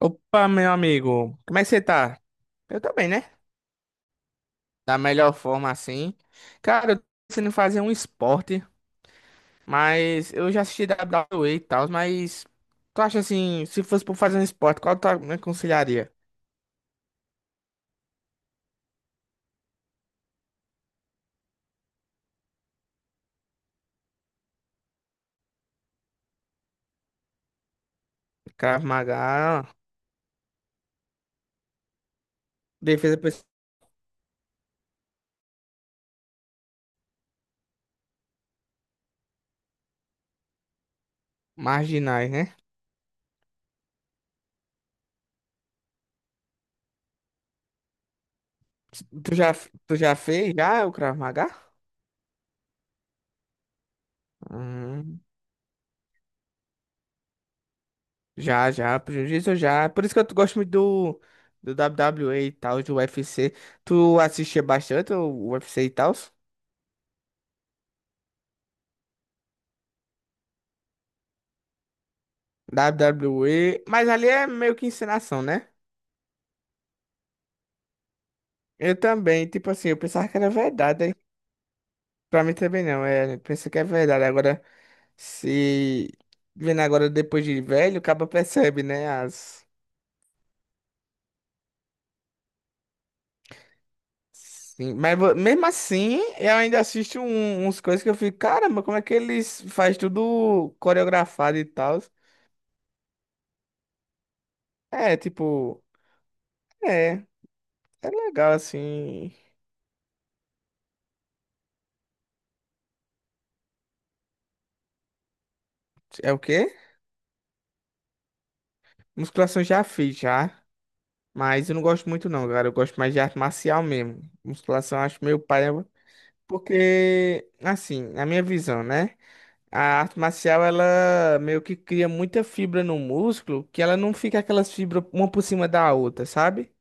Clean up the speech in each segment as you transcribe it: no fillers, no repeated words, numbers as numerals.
Opa, meu amigo, como é que você tá? Eu tô bem, né? Da melhor forma assim. Cara, eu tô pensando em fazer um esporte, mas eu já assisti WWE e tal, mas tu acha assim, se fosse por fazer um esporte, qual tu me aconselharia? Krav Maga, defesa por marginais, né? Tu já, tu já fez já o Krav Maga? Hum, já, já, prejuízo já. Por isso que eu gosto muito do WWE e tal, do UFC. Tu assistia bastante o UFC e tal? WWE, mas ali é meio que encenação, né? Eu também, tipo assim, eu pensava que era verdade, aí pra mim também não, é, pensei que é verdade, agora se vendo agora depois de velho, o cara percebe, né, as... Sim, mas mesmo assim, eu ainda assisto uns coisas que eu fico, caramba, como é que eles faz tudo coreografado e tal? É, tipo, é, é legal assim, é o quê? Musculação já fiz, já. Mas eu não gosto muito não, cara. Eu gosto mais de arte marcial mesmo. Musculação eu acho meio paia, porque assim, na minha visão, né? A arte marcial ela meio que cria muita fibra no músculo, que ela não fica aquelas fibras uma por cima da outra, sabe?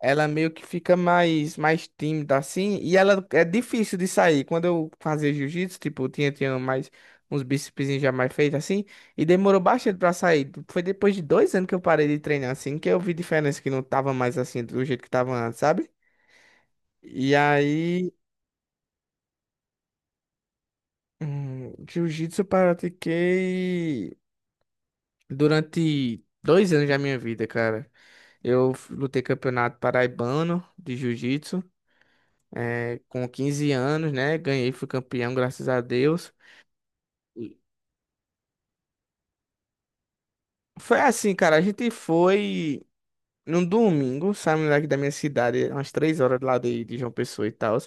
Ela meio que fica mais tímida assim, e ela é difícil de sair. Quando eu fazia jiu-jitsu, tipo, eu tinha mais uns bíceps já mais feitos assim, e demorou bastante pra sair. Foi depois de 2 anos que eu parei de treinar assim, que eu vi diferença que não tava mais assim do jeito que tava antes, sabe? E aí, jiu-jitsu eu pratiquei durante 2 anos da minha vida, cara. Lutei campeonato paraibano de jiu-jitsu. É, com 15 anos, né? Ganhei, fui campeão, graças a Deus. E foi assim, cara, a gente foi num domingo, saímos daqui da minha cidade, umas 3 horas lá de João Pessoa e tal.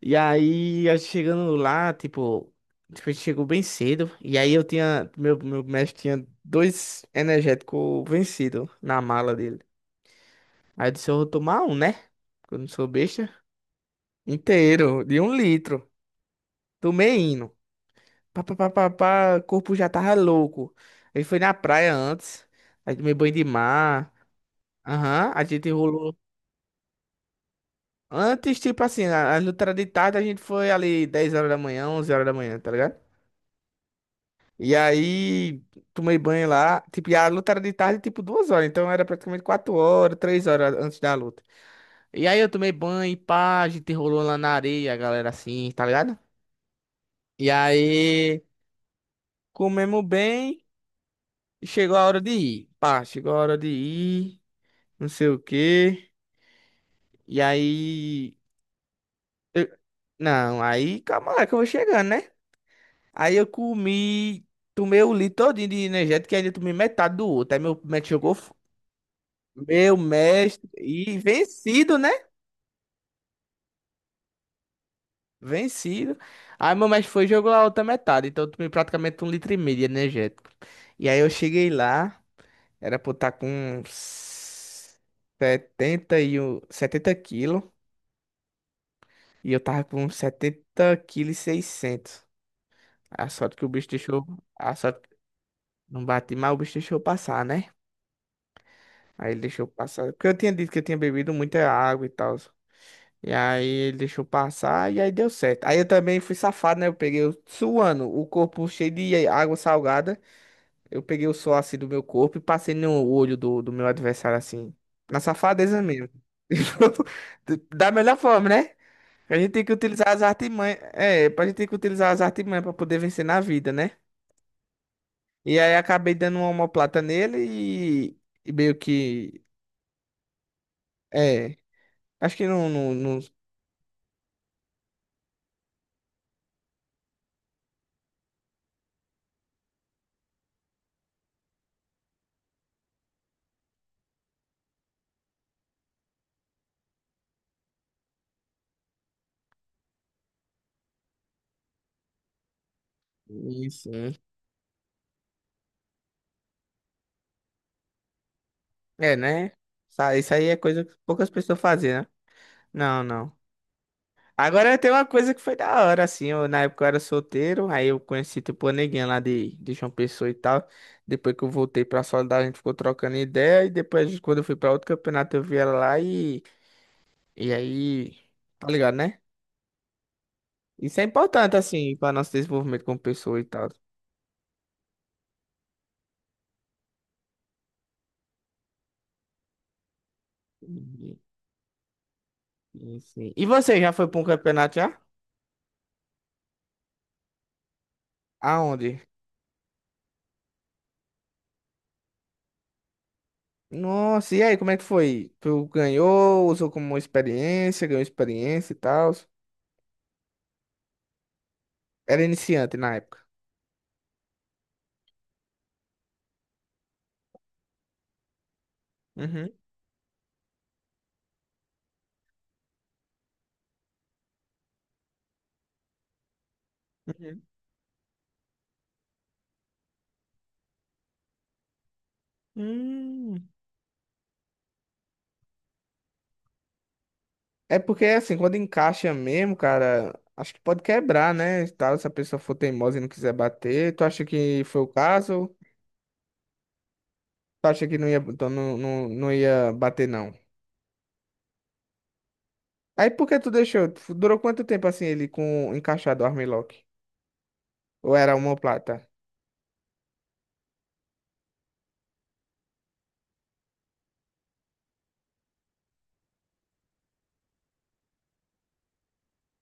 E aí, a gente chegando lá, tipo, a gente chegou bem cedo. E aí eu tinha, meu mestre tinha 2 energéticos vencidos na mala dele. Aí eu disse, eu vou tomar um, né? Porque eu não sou besta. Inteiro, de um litro. Tomei indo. Pá, pá, pá, pá, pá, o corpo já tava louco. Ele foi na praia antes, aí tomei banho de mar. Aham, a gente rolou. Antes, tipo assim, a luta era de tarde, a gente foi ali 10 horas da manhã, 11 horas da manhã, tá ligado? E aí, tomei banho lá. Tipo, e a luta era de tarde, tipo, 2 horas. Então, era praticamente 4 horas, 3 horas antes da luta. E aí, eu tomei banho, e pá, a gente rolou lá na areia, a galera assim, tá ligado? E aí, comemos bem, chegou a hora de ir. Pá, chegou a hora de ir. Não sei o quê. E aí. eu- não, aí calma lá que eu vou chegando, né? Aí eu comi. Tomei o litro todinho de energético e ainda tomei metade do outro. Aí meu médico jogou. Meu mestre. E vencido, né? Vencido. Aí meu mestre foi e jogou a outra metade. Então eu tomei praticamente um litro e meio de energético. E aí eu cheguei lá. Era pra eu estar com uns 70 e um, 70 quilos. E eu tava com 70 quilos e 600. A sorte que o bicho deixou. A sorte que não bati, mas o bicho deixou passar, né? Aí ele deixou passar. Porque eu tinha dito que eu tinha bebido muita água e tal. E aí ele deixou passar e aí deu certo. Aí eu também fui safado, né? Suando, o corpo cheio de água salgada. Eu peguei o sol assim do meu corpo e passei no olho do meu adversário assim. Na safadeza mesmo. Da melhor forma, né? A gente tem que utilizar as artimanhas. É, a gente tem que utilizar as artimanhas pra poder vencer na vida, né? E aí acabei dando uma omoplata nele e, e meio que. É. Acho que não, não, não- Isso. Né? É, né? Isso aí é coisa que poucas pessoas fazem, né? Não, não. Agora tem uma coisa que foi da hora, assim. Eu, na época eu era solteiro, aí eu conheci tipo uma neguinha lá de João Pessoa e tal. Depois que eu voltei pra Soledade, a gente ficou trocando ideia. E depois, quando eu fui pra outro campeonato, eu vi ela lá e. E aí. Tá ligado, né? Isso é importante, assim, pra nosso desenvolvimento como pessoa e tal. Sim, sim. E você já foi para um campeonato já? Aonde? Nossa, e aí, como é que foi? Tu ganhou, usou como uma experiência, ganhou experiência e tal. Era iniciante na época. Uhum, uhum. Hum. É porque assim, quando encaixa mesmo, cara, acho que pode quebrar, né? E tal, se a pessoa for teimosa e não quiser bater, tu acha que foi o caso? Tu acha que não ia, então não, não, não ia bater, não? Aí por que tu deixou? Durou quanto tempo assim ele com encaixado o armlock? Ou era uma plata?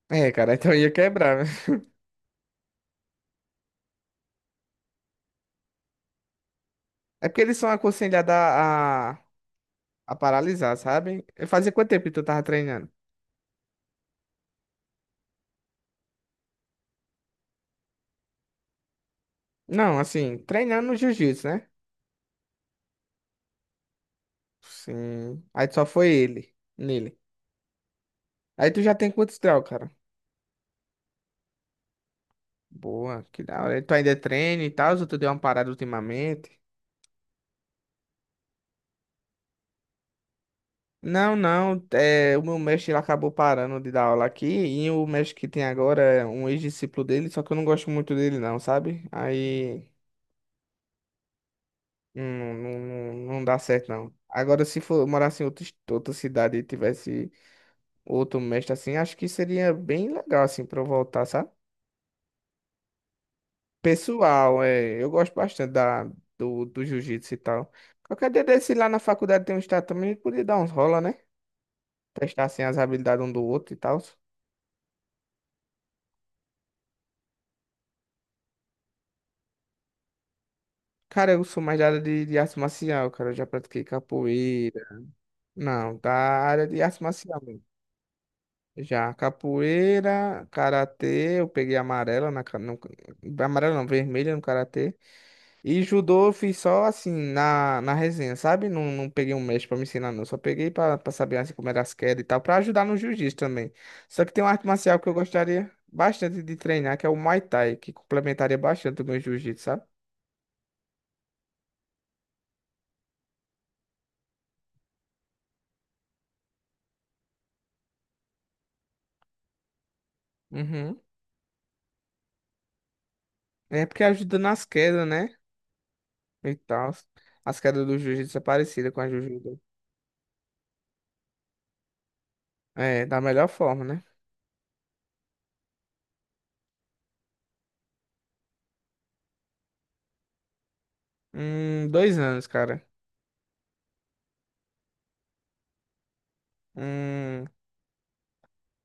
É, cara, então ia quebrar, né? É porque eles são aconselhados a paralisar, sabe? Fazia quanto tempo que tu tava treinando? Não, assim, treinando no jiu-jitsu, né? Sim. Aí só foi ele, nele. Aí tu já tem quantos graus, cara? Boa, que da hora. Tu ainda treina e tal, ou tu deu uma parada ultimamente? Não, não. É, o meu mestre ele acabou parando de dar aula aqui. E o mestre que tem agora é um ex-discípulo dele, só que eu não gosto muito dele, não, sabe? Aí. Não, não, não não dá certo, não. Agora, se for morasse em outra, outra cidade e tivesse outro mestre assim, acho que seria bem legal, assim, pra eu voltar, sabe? Pessoal, é, eu gosto bastante da, do jiu-jitsu e tal. Qualquer dia desse lá na faculdade tem um estágio também, a gente podia dar uns rola, né? Testar, assim, as habilidades um do outro e tal. Cara, eu sou mais da área de arte marcial, cara. Eu já pratiquei capoeira. Não, da área de arte marcial. Já capoeira, karatê, eu peguei amarela no, amarela não, vermelha no karatê. E judô eu fiz só assim na resenha, sabe? Não, não peguei um mestre pra me ensinar não, só peguei pra saber assim, como era as quedas e tal, pra ajudar no jiu-jitsu também. Só que tem uma arte marcial que eu gostaria bastante de treinar, que é o Muay Thai, que complementaria bastante o meu jiu-jitsu, sabe? Uhum. É porque ajuda nas quedas, né? E tal. As quedas do jiu-jitsu é parecida com a jiu-jitsu. É, da melhor forma, né? 2 anos, cara. Hum,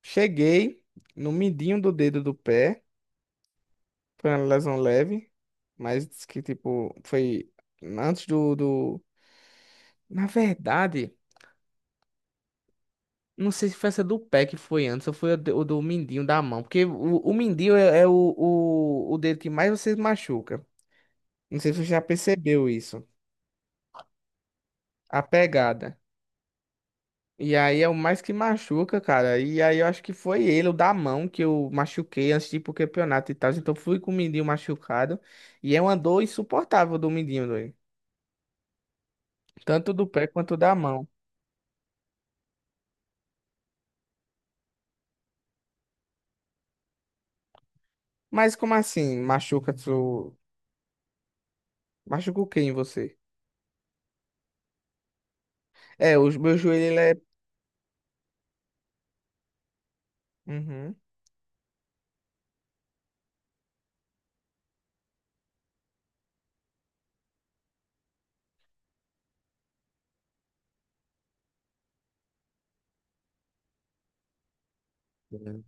cheguei no midinho do dedo do pé. Foi uma lesão leve. Mas diz que, tipo, foi antes do... Na verdade, não sei se foi essa do pé que foi antes ou foi o do mindinho da mão. Porque o mindinho é o, o dedo que mais você machuca. Não sei se você já percebeu isso. A pegada. E aí é o mais que machuca, cara. E aí eu acho que foi ele, o da mão, que eu machuquei antes de ir pro campeonato e tal. Então fui com o mindinho machucado. E é uma dor insuportável do mindinho, doido. Tanto do pé quanto da mão. Mas como assim? Machuca tu. Machuca o quê em você? É, o meu joelho, ele é. Uhum. Uhum.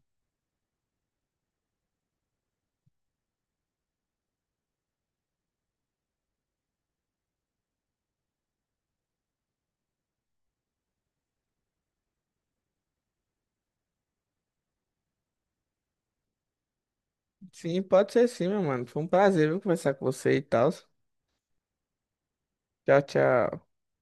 Sim, pode ser sim, meu mano. Foi um prazer, viu, conversar com você e tal. Tchau, tchau.